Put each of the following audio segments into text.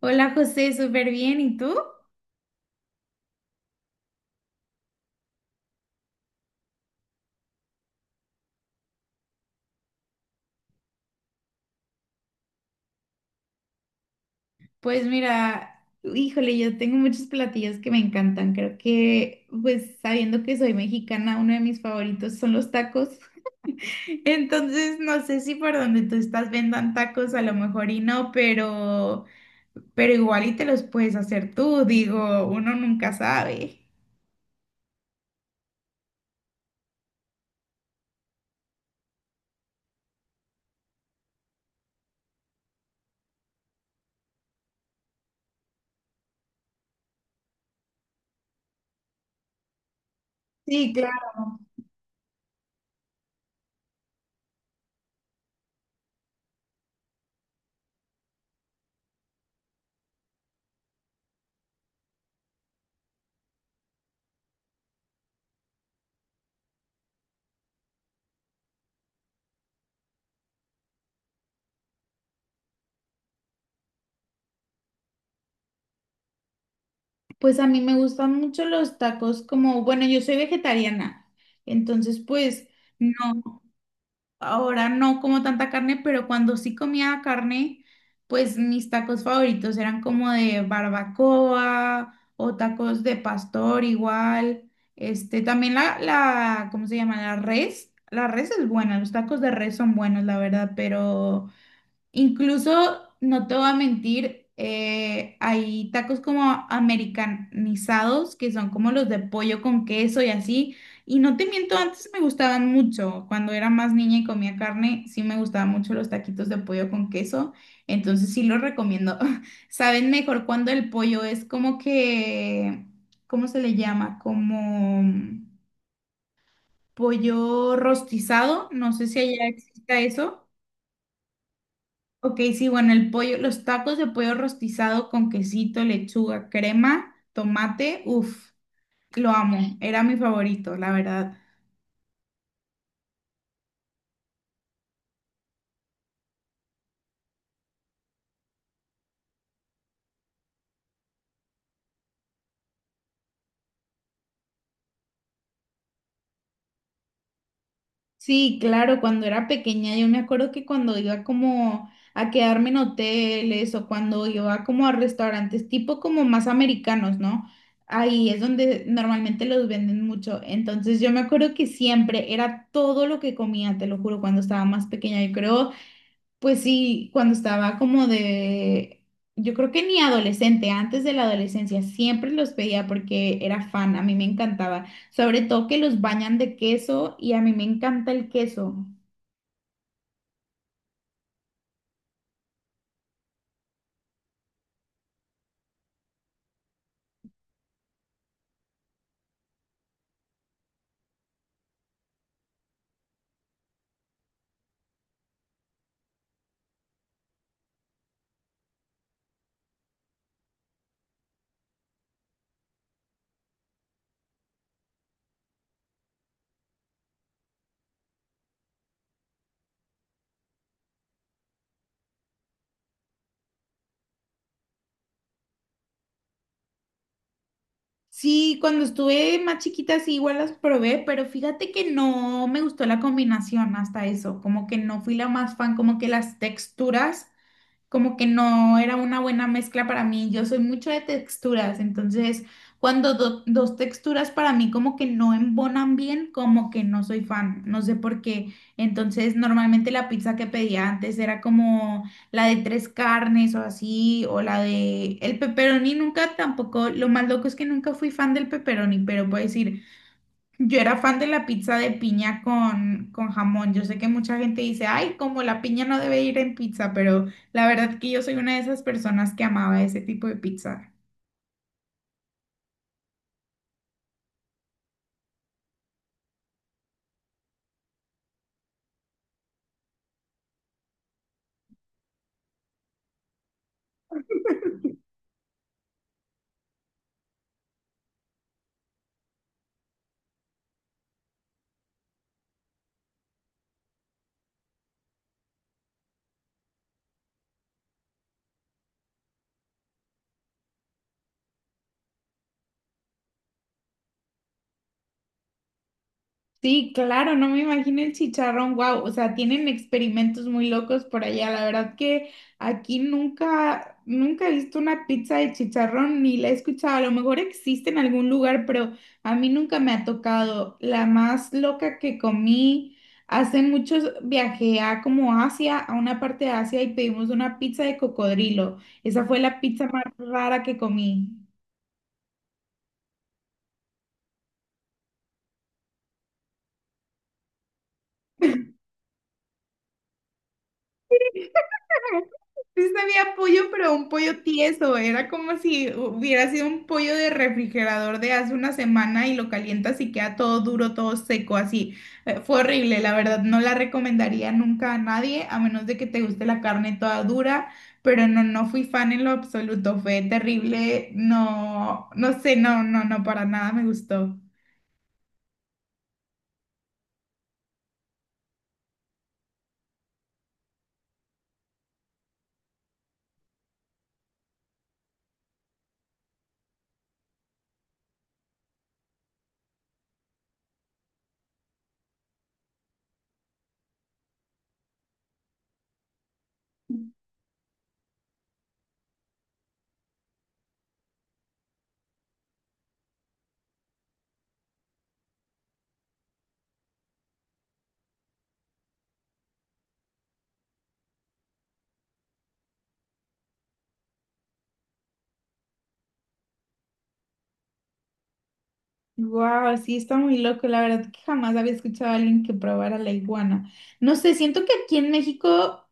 Hola José, súper bien. ¿Y tú? Pues mira, híjole, yo tengo muchos platillos que me encantan. Creo que, pues sabiendo que soy mexicana, uno de mis favoritos son los tacos. Entonces, no sé si por donde tú estás vendan tacos, a lo mejor y no, pero igual y te los puedes hacer tú. Digo, uno nunca sabe. Sí, claro. Pues a mí me gustan mucho los tacos como, bueno, yo soy vegetariana, entonces pues... No, ahora no como tanta carne, pero cuando sí comía carne, pues mis tacos favoritos eran como de barbacoa o tacos de pastor igual. Este, también la, ¿cómo se llama? La res. La res es buena, los tacos de res son buenos, la verdad, pero incluso, no te voy a mentir, hay tacos como americanizados, que son como los de pollo con queso y así. Y no te miento, antes me gustaban mucho. Cuando era más niña y comía carne, sí me gustaban mucho los taquitos de pollo con queso. Entonces sí los recomiendo. Saben mejor cuando el pollo es como que, ¿cómo se le llama? Como pollo rostizado. No sé si allá exista eso. Ok, sí, bueno, el pollo, los tacos de pollo rostizado con quesito, lechuga, crema, tomate, uff, lo amo, era mi favorito, la verdad. Sí, claro, cuando era pequeña yo me acuerdo que cuando iba como a quedarme en hoteles o cuando iba como a restaurantes tipo como más americanos, ¿no? Ahí es donde normalmente los venden mucho. Entonces yo me acuerdo que siempre era todo lo que comía, te lo juro, cuando estaba más pequeña. Yo creo, pues sí, cuando estaba como de, yo creo que ni adolescente, antes de la adolescencia, siempre los pedía porque era fan, a mí me encantaba, sobre todo que los bañan de queso y a mí me encanta el queso. Sí, cuando estuve más chiquita sí igual las probé, pero fíjate que no me gustó la combinación hasta eso, como que no fui la más fan, como que las texturas como que no era una buena mezcla para mí. Yo soy mucho de texturas, entonces cuando dos texturas para mí como que no embonan bien, como que no soy fan, no sé por qué. Entonces normalmente la pizza que pedía antes era como la de tres carnes o así, o la de el pepperoni, nunca tampoco, lo más loco es que nunca fui fan del pepperoni, pero puedo decir... Yo era fan de la pizza de piña con jamón. Yo sé que mucha gente dice, ay, como la piña no debe ir en pizza, pero la verdad que yo soy una de esas personas que amaba ese tipo de pizza. Sí, claro, no me imagino el chicharrón, wow, o sea, tienen experimentos muy locos por allá, la verdad que aquí nunca, nunca he visto una pizza de chicharrón ni la he escuchado, a lo mejor existe en algún lugar, pero a mí nunca me ha tocado. La más loca que comí, hace muchos viajé a como Asia, a una parte de Asia y pedimos una pizza de cocodrilo, esa fue la pizza más rara que comí. Sí sabía pollo, pero un pollo tieso. Era como si hubiera sido un pollo de refrigerador de hace una semana y lo calientas y queda todo duro, todo seco, así. Fue horrible, la verdad. No la recomendaría nunca a nadie, a menos de que te guste la carne toda dura. Pero no, no fui fan en lo absoluto. Fue terrible. No, no sé, no, no, no, para nada me gustó. Wow, sí, está muy loco. La verdad que jamás había escuchado a alguien que probara la iguana. No sé, siento que aquí en México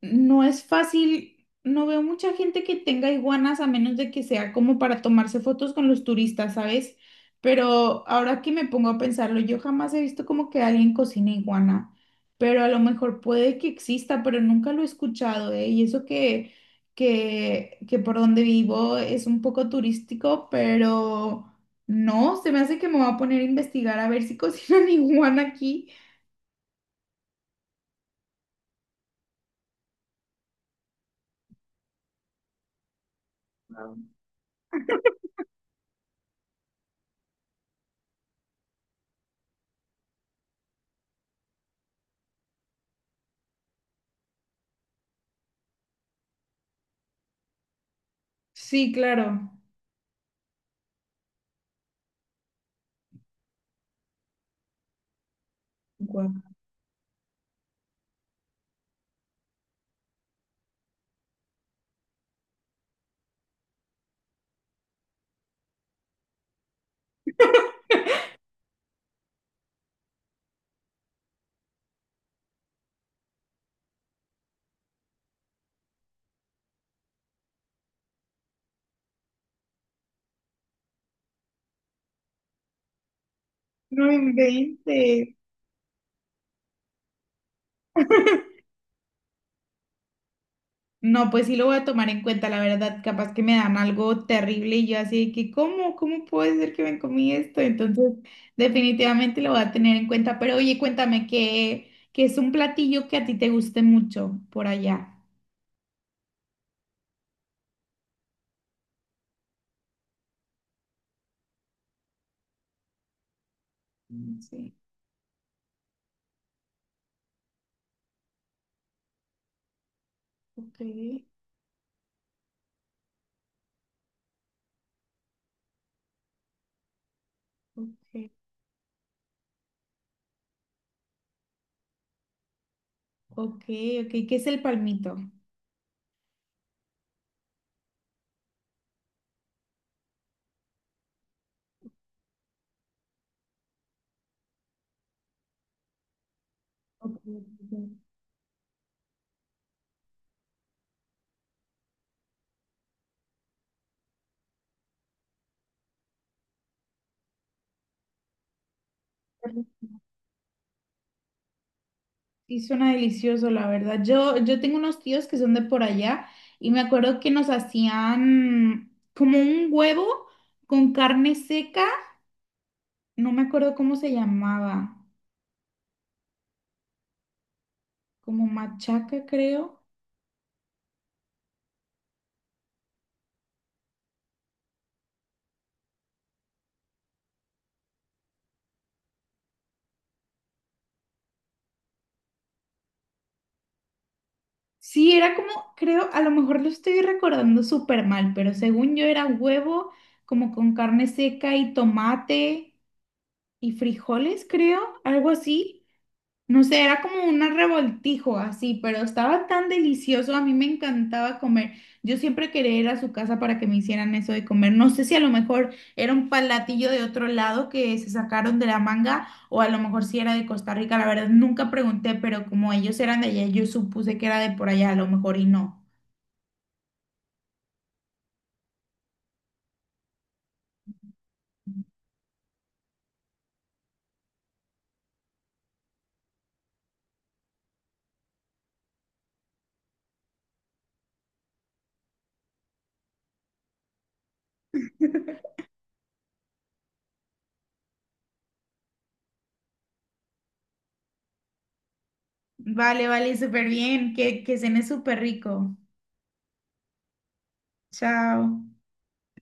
no es fácil, no veo mucha gente que tenga iguanas a menos de que sea como para tomarse fotos con los turistas, ¿sabes? Pero ahora que me pongo a pensarlo, yo jamás he visto como que alguien cocina iguana, pero a lo mejor puede que exista, pero nunca lo he escuchado, ¿eh? Y eso que, que por donde vivo es un poco turístico, pero no, se me hace que me voy a poner a investigar a ver si cocinan iguana aquí. Claro. Sí, claro. No inventes. No, pues sí lo voy a tomar en cuenta, la verdad, capaz que me dan algo terrible y yo así de que, ¿cómo? ¿Cómo puede ser que me comí esto? Entonces, definitivamente lo voy a tener en cuenta. Pero oye, cuéntame que es un platillo que a ti te guste mucho por allá. Mm, sí, ok, ok. Ok, ok, ¿qué es el palmito? Ok, ok. Sí, suena delicioso, la verdad. Yo tengo unos tíos que son de por allá y me acuerdo que nos hacían como un huevo con carne seca, no me acuerdo cómo se llamaba, como machaca, creo. Sí, era como, creo, a lo mejor lo estoy recordando súper mal, pero según yo era huevo como con carne seca y tomate y frijoles, creo, algo así. No sé, era como un revoltijo así, pero estaba tan delicioso, a mí me encantaba comer. Yo siempre quería ir a su casa para que me hicieran eso de comer. No sé si a lo mejor era un palatillo de otro lado que se sacaron de la manga o a lo mejor si era de Costa Rica, la verdad nunca pregunté, pero como ellos eran de allá, yo supuse que era de por allá, a lo mejor y no. Vale, vale, súper bien, que cené súper rico. Chao.